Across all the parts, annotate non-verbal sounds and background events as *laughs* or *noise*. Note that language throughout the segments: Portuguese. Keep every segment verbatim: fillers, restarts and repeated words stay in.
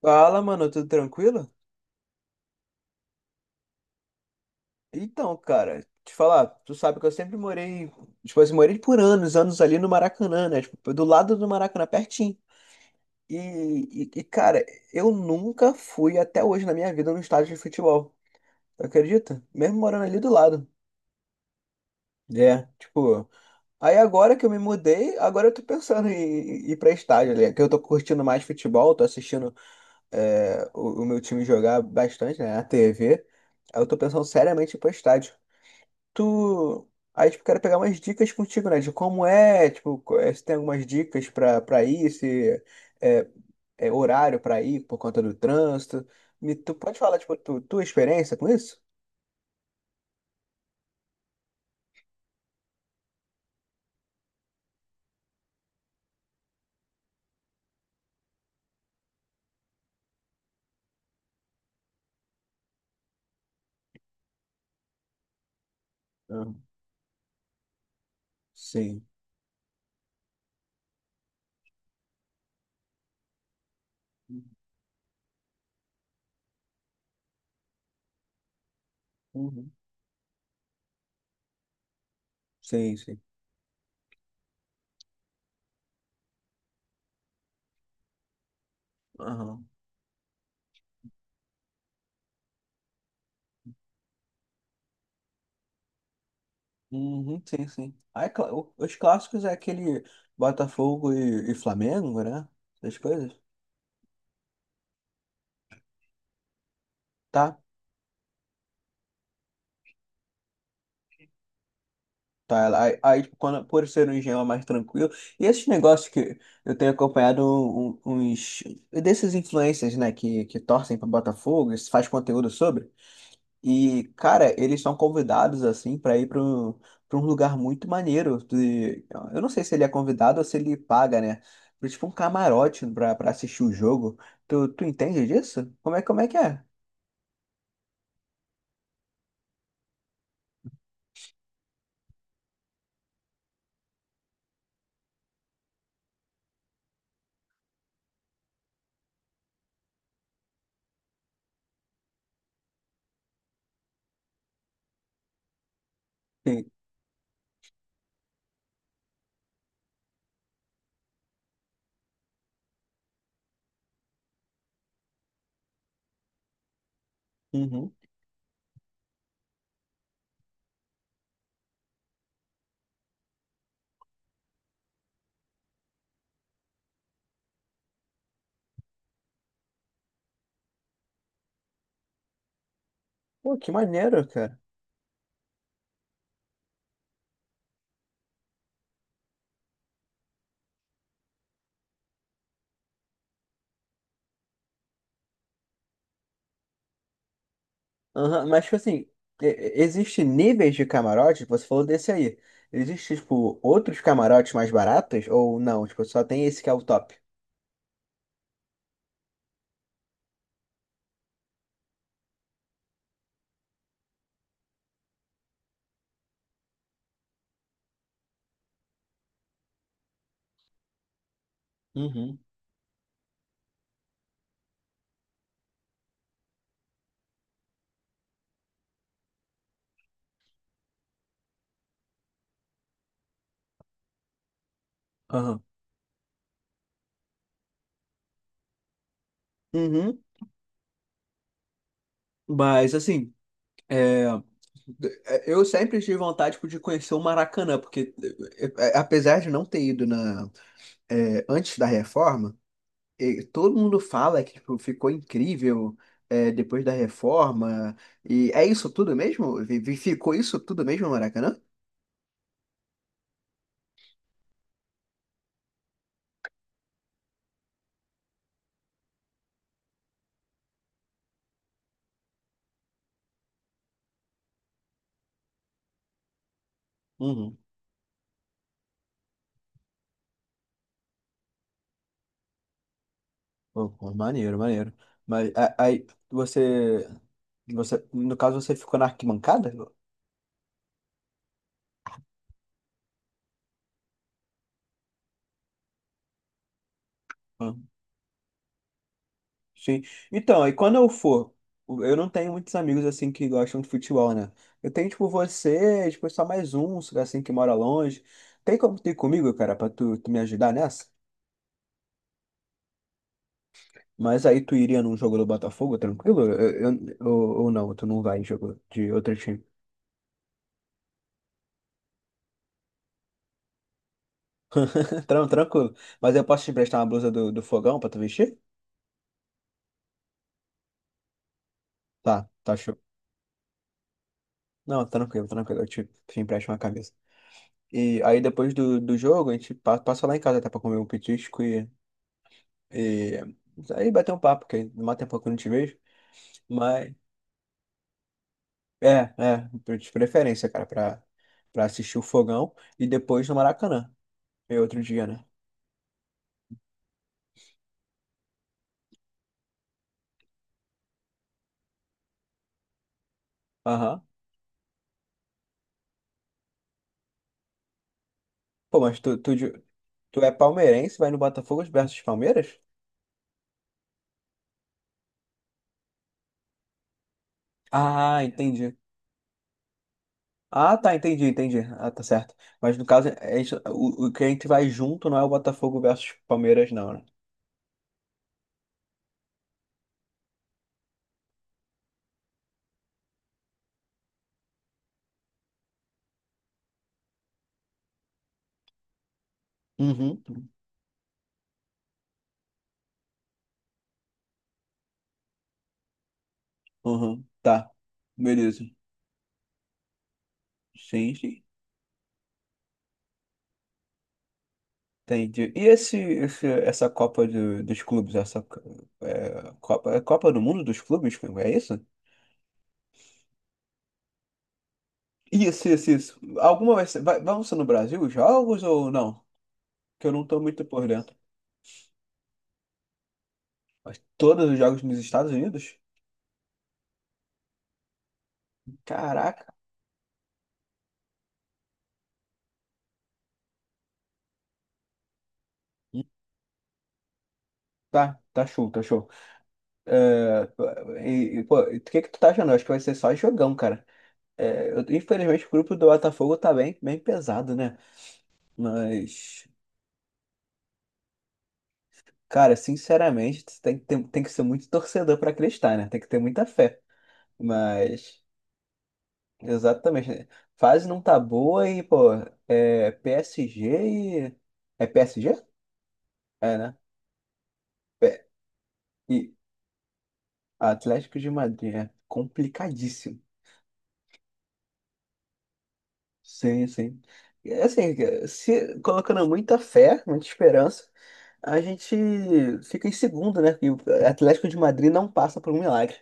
Fala, mano, tudo tranquilo? Então, cara, te falar, tu sabe que eu sempre morei, tipo assim, morei por anos, anos ali no Maracanã, né? Tipo, do lado do Maracanã, pertinho. E, e, e, cara, eu nunca fui até hoje na minha vida no estádio de futebol. Tu acredita? Mesmo morando ali do lado. É, tipo. Aí agora que eu me mudei, agora eu tô pensando em em ir pra estádio, né? Que eu tô curtindo mais futebol, tô assistindo é, o, o meu time jogar bastante, né? A T V. Aí eu tô pensando seriamente em ir pro estádio. Tu. Aí, tipo, quero pegar umas dicas contigo, né? De como é, tipo, co- é, se tem algumas dicas pra, pra ir, se é, é horário pra ir por conta do trânsito. Me, tu pode falar, tipo, tu, tua experiência com isso? Aham. Sim. Uhum. Sim, sim. Aham. Uhum, sim, sim. Aí, cla- o- os clássicos é aquele Botafogo e, e Flamengo, né? Essas coisas. Tá? Tá, ela aí, aí, tipo, quando, por ser um engenho mais tranquilo, e esses negócios que eu tenho acompanhado um- um, uns desses influencers, né, que, que torcem para Botafogo, e faz conteúdo sobre, e, cara, eles são convidados, assim, para ir para um, pra um lugar muito maneiro, de- eu não sei se ele é convidado ou se ele paga, né, pra, tipo um camarote para para assistir o jogo, tu, tu entende disso? Como é, como é que é? Sim. Uhum. Pô, que maneiro, cara. Aham, mas, tipo assim, e- existe níveis de camarote, você falou desse aí. Existe, tipo, outros camarotes mais baratos ou não? Tipo, só tem esse que é o top. Uhum. Aham. Uhum. Mas assim, é, eu sempre tive vontade, tipo, de conhecer o Maracanã, porque é, apesar de não ter ido na, é, antes da reforma, e todo mundo fala que tipo, ficou incrível é, depois da reforma. E é isso tudo mesmo? Vi- vi- Ficou isso tudo mesmo no Maracanã? Uhum. Pô, pô, maneiro, maneiro. Mas a- aí você, você, no caso, você ficou na arquibancada? Ah, sim. Então, aí quando eu for, eu não tenho muitos amigos assim que gostam de futebol, né? Eu tenho tipo você, tipo só mais um, assim que mora longe. Tem como ter comigo, cara, pra tu, tu me ajudar nessa? Mas aí tu iria num jogo do Botafogo, tranquilo? Eu, eu- ou, ou não, tu não vai em jogo de outro time. *laughs* Tran- Tranquilo. Mas eu posso te emprestar uma blusa do, do Fogão pra tu vestir? Tá, tá show. Não, tranquilo, tranquilo. Eu te, te empresto uma camisa. E aí depois do, do jogo, a gente pa- passa lá em casa até pra comer um petisco e, e aí bater um papo, porque não mata tempo que eu não te vejo. Mas é, é, de preferência, cara, pra, pra assistir o fogão e depois no Maracanã. E outro dia, né? Aham. Pô, mas tu, tu, de- tu é palmeirense, vai no Botafogo versus Palmeiras? Ah, entendi. Ah, tá, entendi, entendi. Ah, tá certo. Mas no caso, é é isso, o, o que a gente vai junto não é o Botafogo versus Palmeiras, não, né? Uhum. Uhum. Tá. Beleza. Sim, sim. Entendi. E esse, esse, essa Copa do- dos Clubes, essa é, Copa, é Copa do Mundo dos Clubes, é isso? Isso, isso, isso. Alguma vai ser, vai, vão ser no Brasil os jogos ou não? Que eu não tô muito por dentro. Todos os jogos nos Estados Unidos? Caraca. Tá, tá show, tá show. É, e, e, pô, o que que tu tá achando? Eu acho que vai ser só jogão, cara. É, eu- infelizmente o grupo do Botafogo tá bem, bem pesado, né? Mas cara, sinceramente, tu tem, que ter- tem que ser muito torcedor pra acreditar, né? Tem que ter muita fé. Mas, exatamente, né? Fase não tá boa e, pô, é P S G e. É P S G? É, né? É, e Atlético de Madrid é complicadíssimo. Sim, sim. E, assim, se colocando muita fé, muita esperança, a gente fica em segundo, né? E o Atlético de Madrid não passa por um milagre,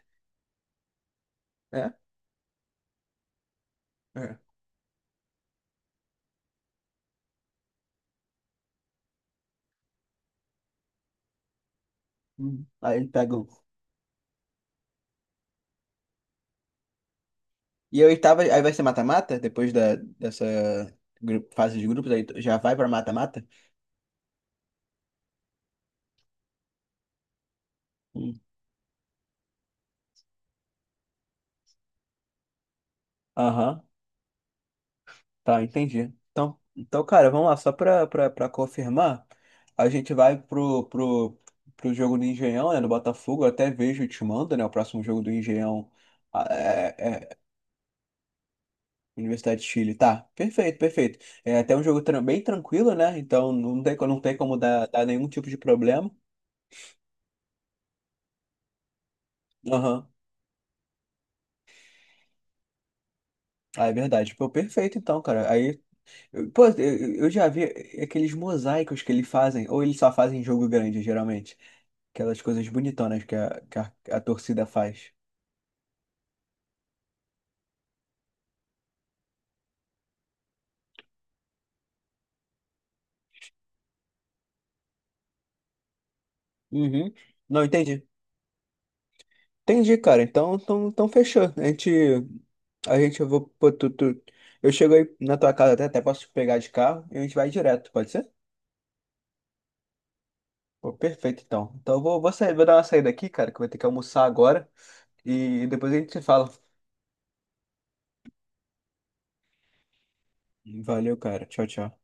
né? É. Hum. Aí ele pega o E a oitava, aí vai ser mata-mata? Depois da, dessa gru- fase de grupos, aí já vai pra mata-mata? Hum. Aham, tá, entendi. Então, então, cara, vamos lá, só pra, pra, pra confirmar, a gente vai pro, pro, pro jogo do Engenhão, né, do Botafogo, eu até vejo e te mando, né, o próximo jogo do Engenhão ah, é, é Universidade de Chile, tá? Perfeito, perfeito. É até um jogo tran- bem tranquilo, né, então não tem, co- não tem como dar, dar nenhum tipo de problema. Aham. Ah, é verdade. Pô, perfeito então, cara. Aí pô, eu eu já vi aqueles mosaicos que eles fazem, ou eles só fazem em jogo grande, geralmente. Aquelas coisas bonitonas que a, que a, a torcida faz. Uhum. Não, entendi. Entendi, cara. Então, então, então fechou. A gente, a gente, eu vou, pô, tu, tu- eu chego aí na tua casa até, até posso te pegar de carro e a gente vai direto, pode ser? Pô, perfeito, então. Então eu vou, vou sair, vou dar uma saída aqui, cara, que eu vou ter que almoçar agora e depois a gente se fala. Valeu, cara. Tchau, tchau.